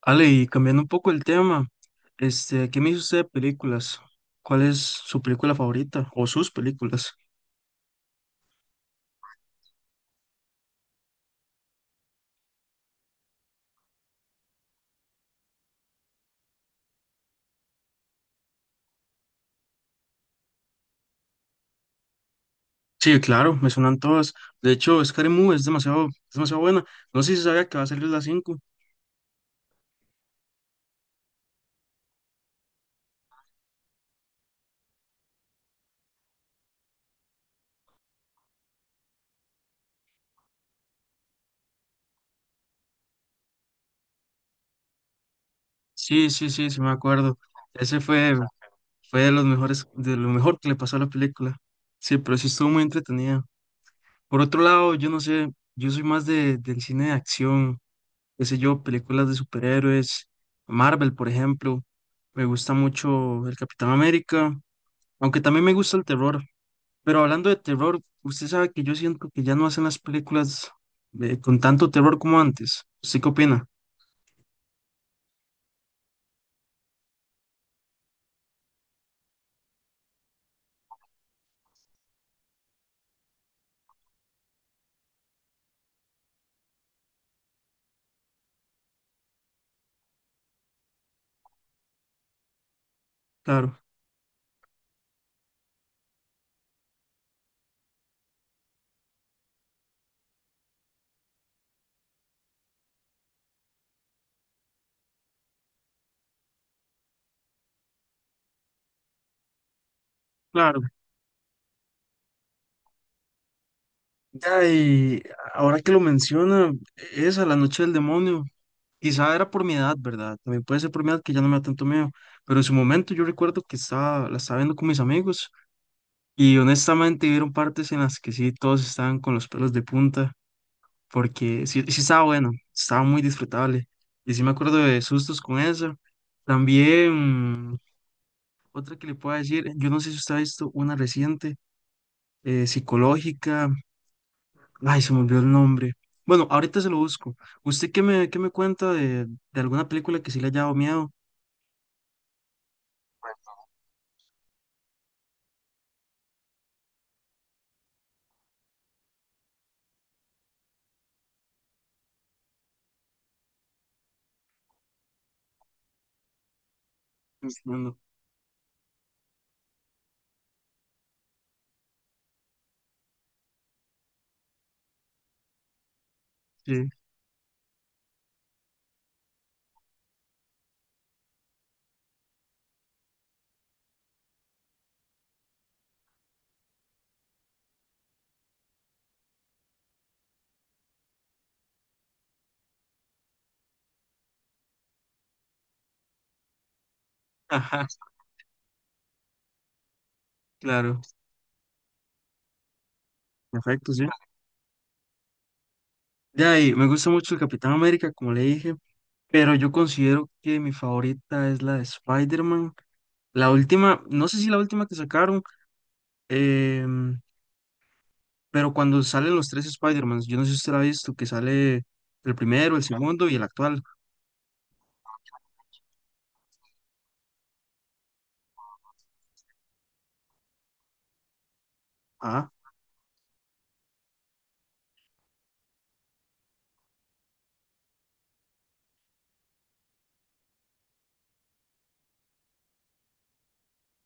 Ale, y cambiando un poco el tema, ¿qué me dice usted de películas? ¿Cuál es su película favorita o sus películas? Sí, claro, me suenan todas. De hecho, Scary Movie es demasiado buena. No sé si sabía que va a salir la 5. Sí, sí, sí, sí me acuerdo. Ese fue, fue de los mejores, de lo mejor que le pasó a la película. Sí, pero sí estuvo muy entretenida. Por otro lado, yo no sé, yo soy más de, del cine de acción. Qué sé yo, películas de superhéroes, Marvel, por ejemplo. Me gusta mucho el Capitán América, aunque también me gusta el terror. Pero hablando de terror, usted sabe que yo siento que ya no hacen las películas con tanto terror como antes. ¿Usted qué opina? Claro, claro. Ya, y ahora que lo menciona, esa, La Noche del Demonio, quizá era por mi edad, ¿verdad? También puede ser por mi edad que ya no me da tanto miedo, pero en su momento yo recuerdo que la estaba viendo con mis amigos. Y honestamente hubieron partes en las que sí, todos estaban con los pelos de punta, porque sí, sí estaba bueno, estaba muy disfrutable. Y sí me acuerdo de sustos con eso. También, otra que le puedo decir, yo no sé si usted ha visto una reciente, psicológica, ay, se me olvidó el nombre. Bueno, ahorita se lo busco. ¿Usted qué me cuenta de alguna película que sí le haya dado miedo? Entiendo. Sí, ajá, claro, perfecto, sí. Ya, y me gusta mucho el Capitán América, como le dije. Pero yo considero que mi favorita es la de Spider-Man. La última, no sé si la última que sacaron, em, pero cuando salen los tres Spider-Mans, yo no sé si usted la ha visto, que sale el primero, el segundo y el actual. Ah,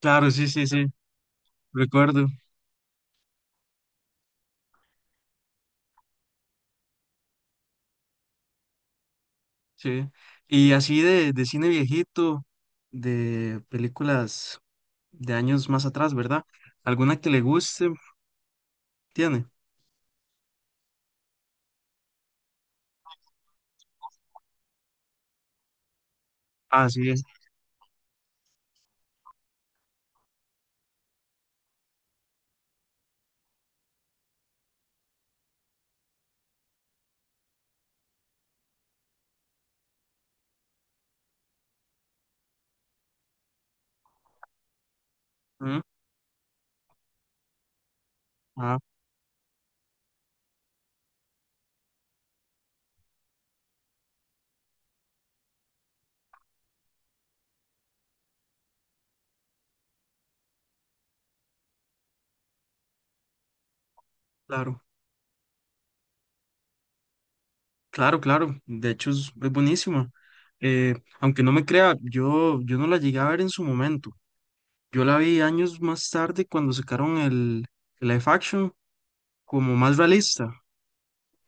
claro, sí, sí, sí, recuerdo, sí. Y así de cine viejito, de películas de años más atrás, ¿verdad? ¿Alguna que le guste? ¿Tiene? Así es. Ujú. Ah, claro. Claro, claro, de hecho es buenísima. Eh, aunque no me crea, yo no la llegué a ver en su momento. Yo la vi años más tarde cuando sacaron el live action como más realista.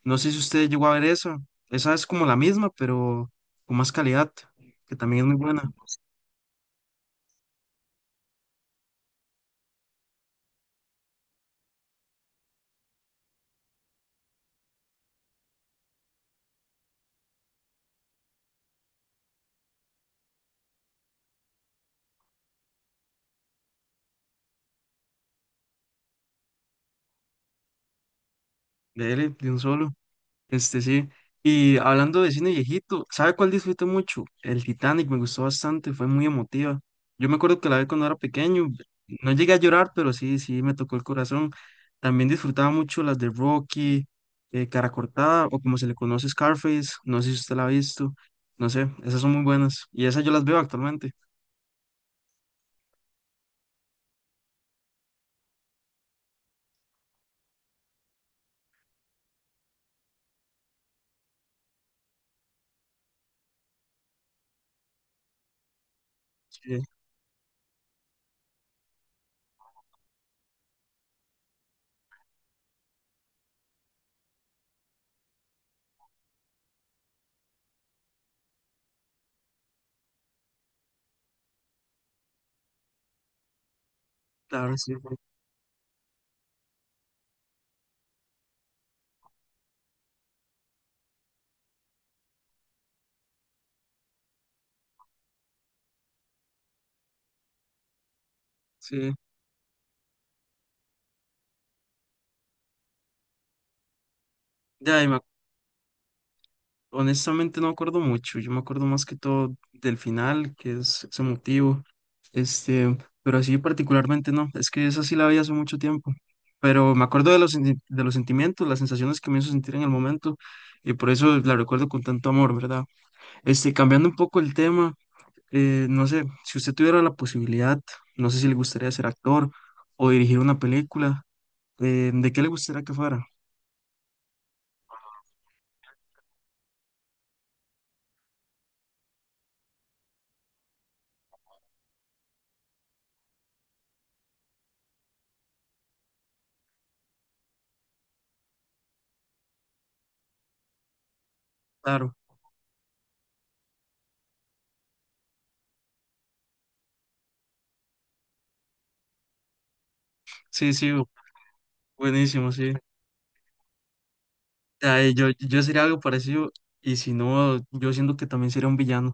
No sé si usted llegó a ver esa. Esa es como la misma, pero con más calidad, que también es muy buena. De él, de un solo. Este sí. Y hablando de cine viejito, ¿sabe cuál disfruté mucho? El Titanic me gustó bastante, fue muy emotiva. Yo me acuerdo que la vi cuando era pequeño, no llegué a llorar, pero sí, sí, me tocó el corazón. También disfrutaba mucho las de Rocky, Cara Cortada, o como se le conoce Scarface, no sé si usted la ha visto, no sé, esas son muy buenas. Y esas yo las veo actualmente. Sí, claro, sí, sí. Ya, y me honestamente no me acuerdo mucho, yo me acuerdo más que todo del final, que es, ese motivo, este, pero así particularmente no, es que esa sí la vi hace mucho tiempo, pero me acuerdo de de los sentimientos, las sensaciones que me hizo sentir en el momento, y por eso la recuerdo con tanto amor, ¿verdad? Este, cambiando un poco el tema, no sé, si usted tuviera la posibilidad, no sé si le gustaría ser actor o dirigir una película, ¿de qué le gustaría que fuera? Claro, sí, sí, buenísimo, sí. Ay, yo sería algo parecido y si no, yo siento que también sería un villano.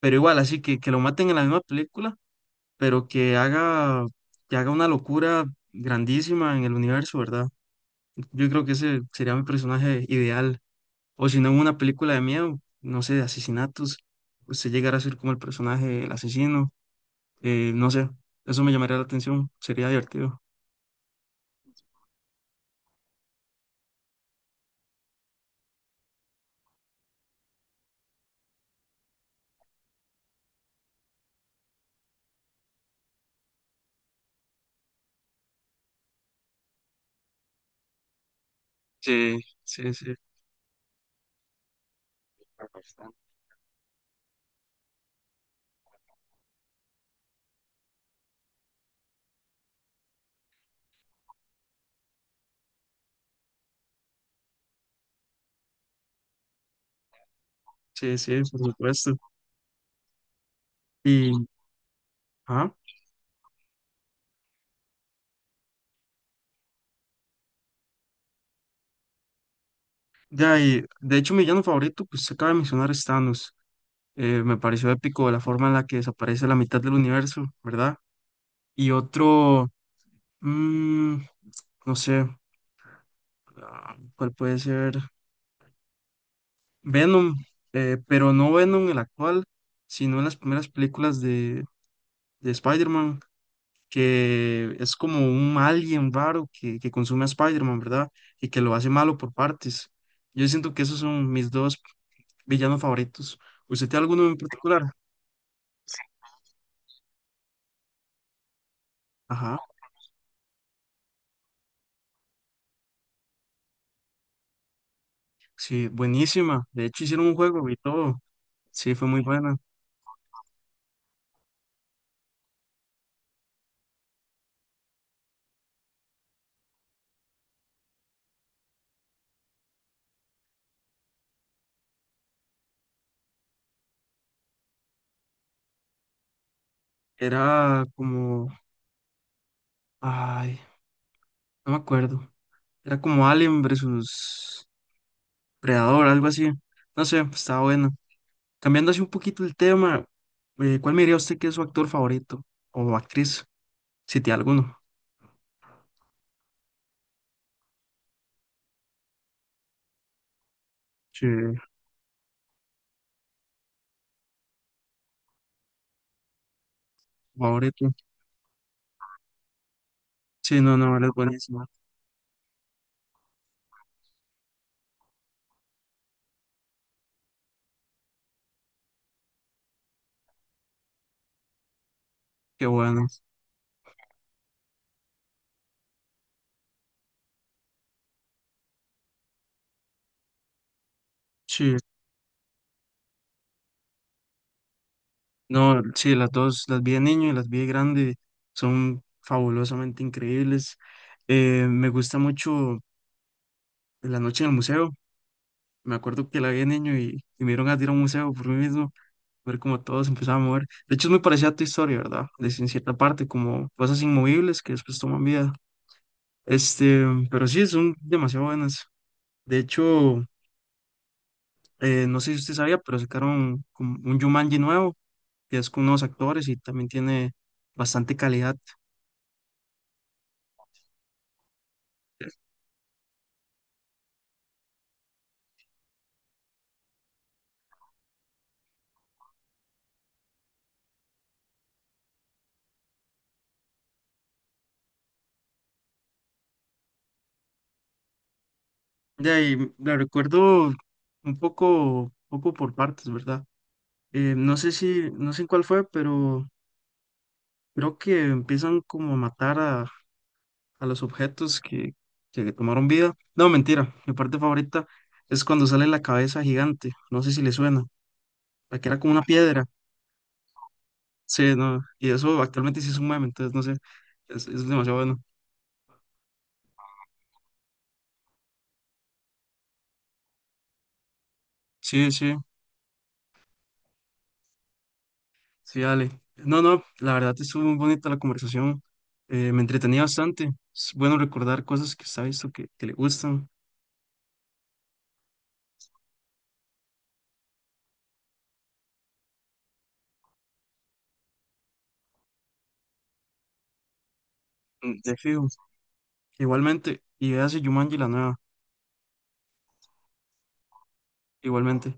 Pero igual, así que lo maten en la misma película, pero que haga una locura grandísima en el universo, ¿verdad? Yo creo que ese sería mi personaje ideal. O si no, en una película de miedo, no sé, de asesinatos, usted llegara a ser como el personaje, el asesino, no sé, eso me llamaría la atención, sería divertido. Sí, sí, sí. Sí, sí, por supuesto. Y, ajá. Ya, y de hecho mi villano favorito, pues se acaba de mencionar es Thanos. Me pareció épico la forma en la que desaparece la mitad del universo, ¿verdad? Y otro, mm, no sé, ah, ¿cuál puede ser? Venom, pero no Venom el actual, sino en las primeras películas de Spider-Man, que es como un alien raro que consume a Spider-Man, ¿verdad? Y que lo hace malo por partes. Yo siento que esos son mis dos villanos favoritos. ¿Usted tiene alguno en particular? Ajá. Sí, buenísima. De hecho, hicieron un juego y todo. Sí, fue muy buena. Era como, ay, no me acuerdo. Era como Alien versus Predador, algo así. No sé, estaba bueno. Cambiando así un poquito el tema, ¿cuál me diría usted que es su actor favorito o actriz, si tiene alguno? Sí, favorito. Sí, no, no, él es buenísima. Qué bueno. Sí, no, sí, las dos, las vi de niño y las vi de grande, son fabulosamente increíbles. Me gusta mucho en la noche en el museo. Me acuerdo que la vi de niño y me dieron a ir a un museo por mí mismo, ver cómo todo se empezaba a mover. De hecho, es muy parecida a tu historia, ¿verdad? De si en cierta parte, como cosas inmovibles que después toman vida. Este, pero sí, son demasiado buenas. De hecho, no sé si usted sabía, pero sacaron como un Jumanji nuevo, que es con nuevos actores y también tiene bastante calidad. De ahí, la recuerdo un poco, poco por partes, ¿verdad? No sé si, no sé en cuál fue, pero creo que empiezan como a matar a los objetos que tomaron vida. No, mentira. Mi parte favorita es cuando sale la cabeza gigante. No sé si le suena. La que era como una piedra. Sí, no. Y eso actualmente sí es un meme, entonces no sé. Es demasiado bueno. Sí, sí. Sí, dale. No, no. La verdad estuvo muy bonita la conversación. Me entretenía bastante. Es bueno recordar cosas que está visto que le gustan. Mm, de fijo. Igualmente. Y véase Jumanji la nueva. Igualmente.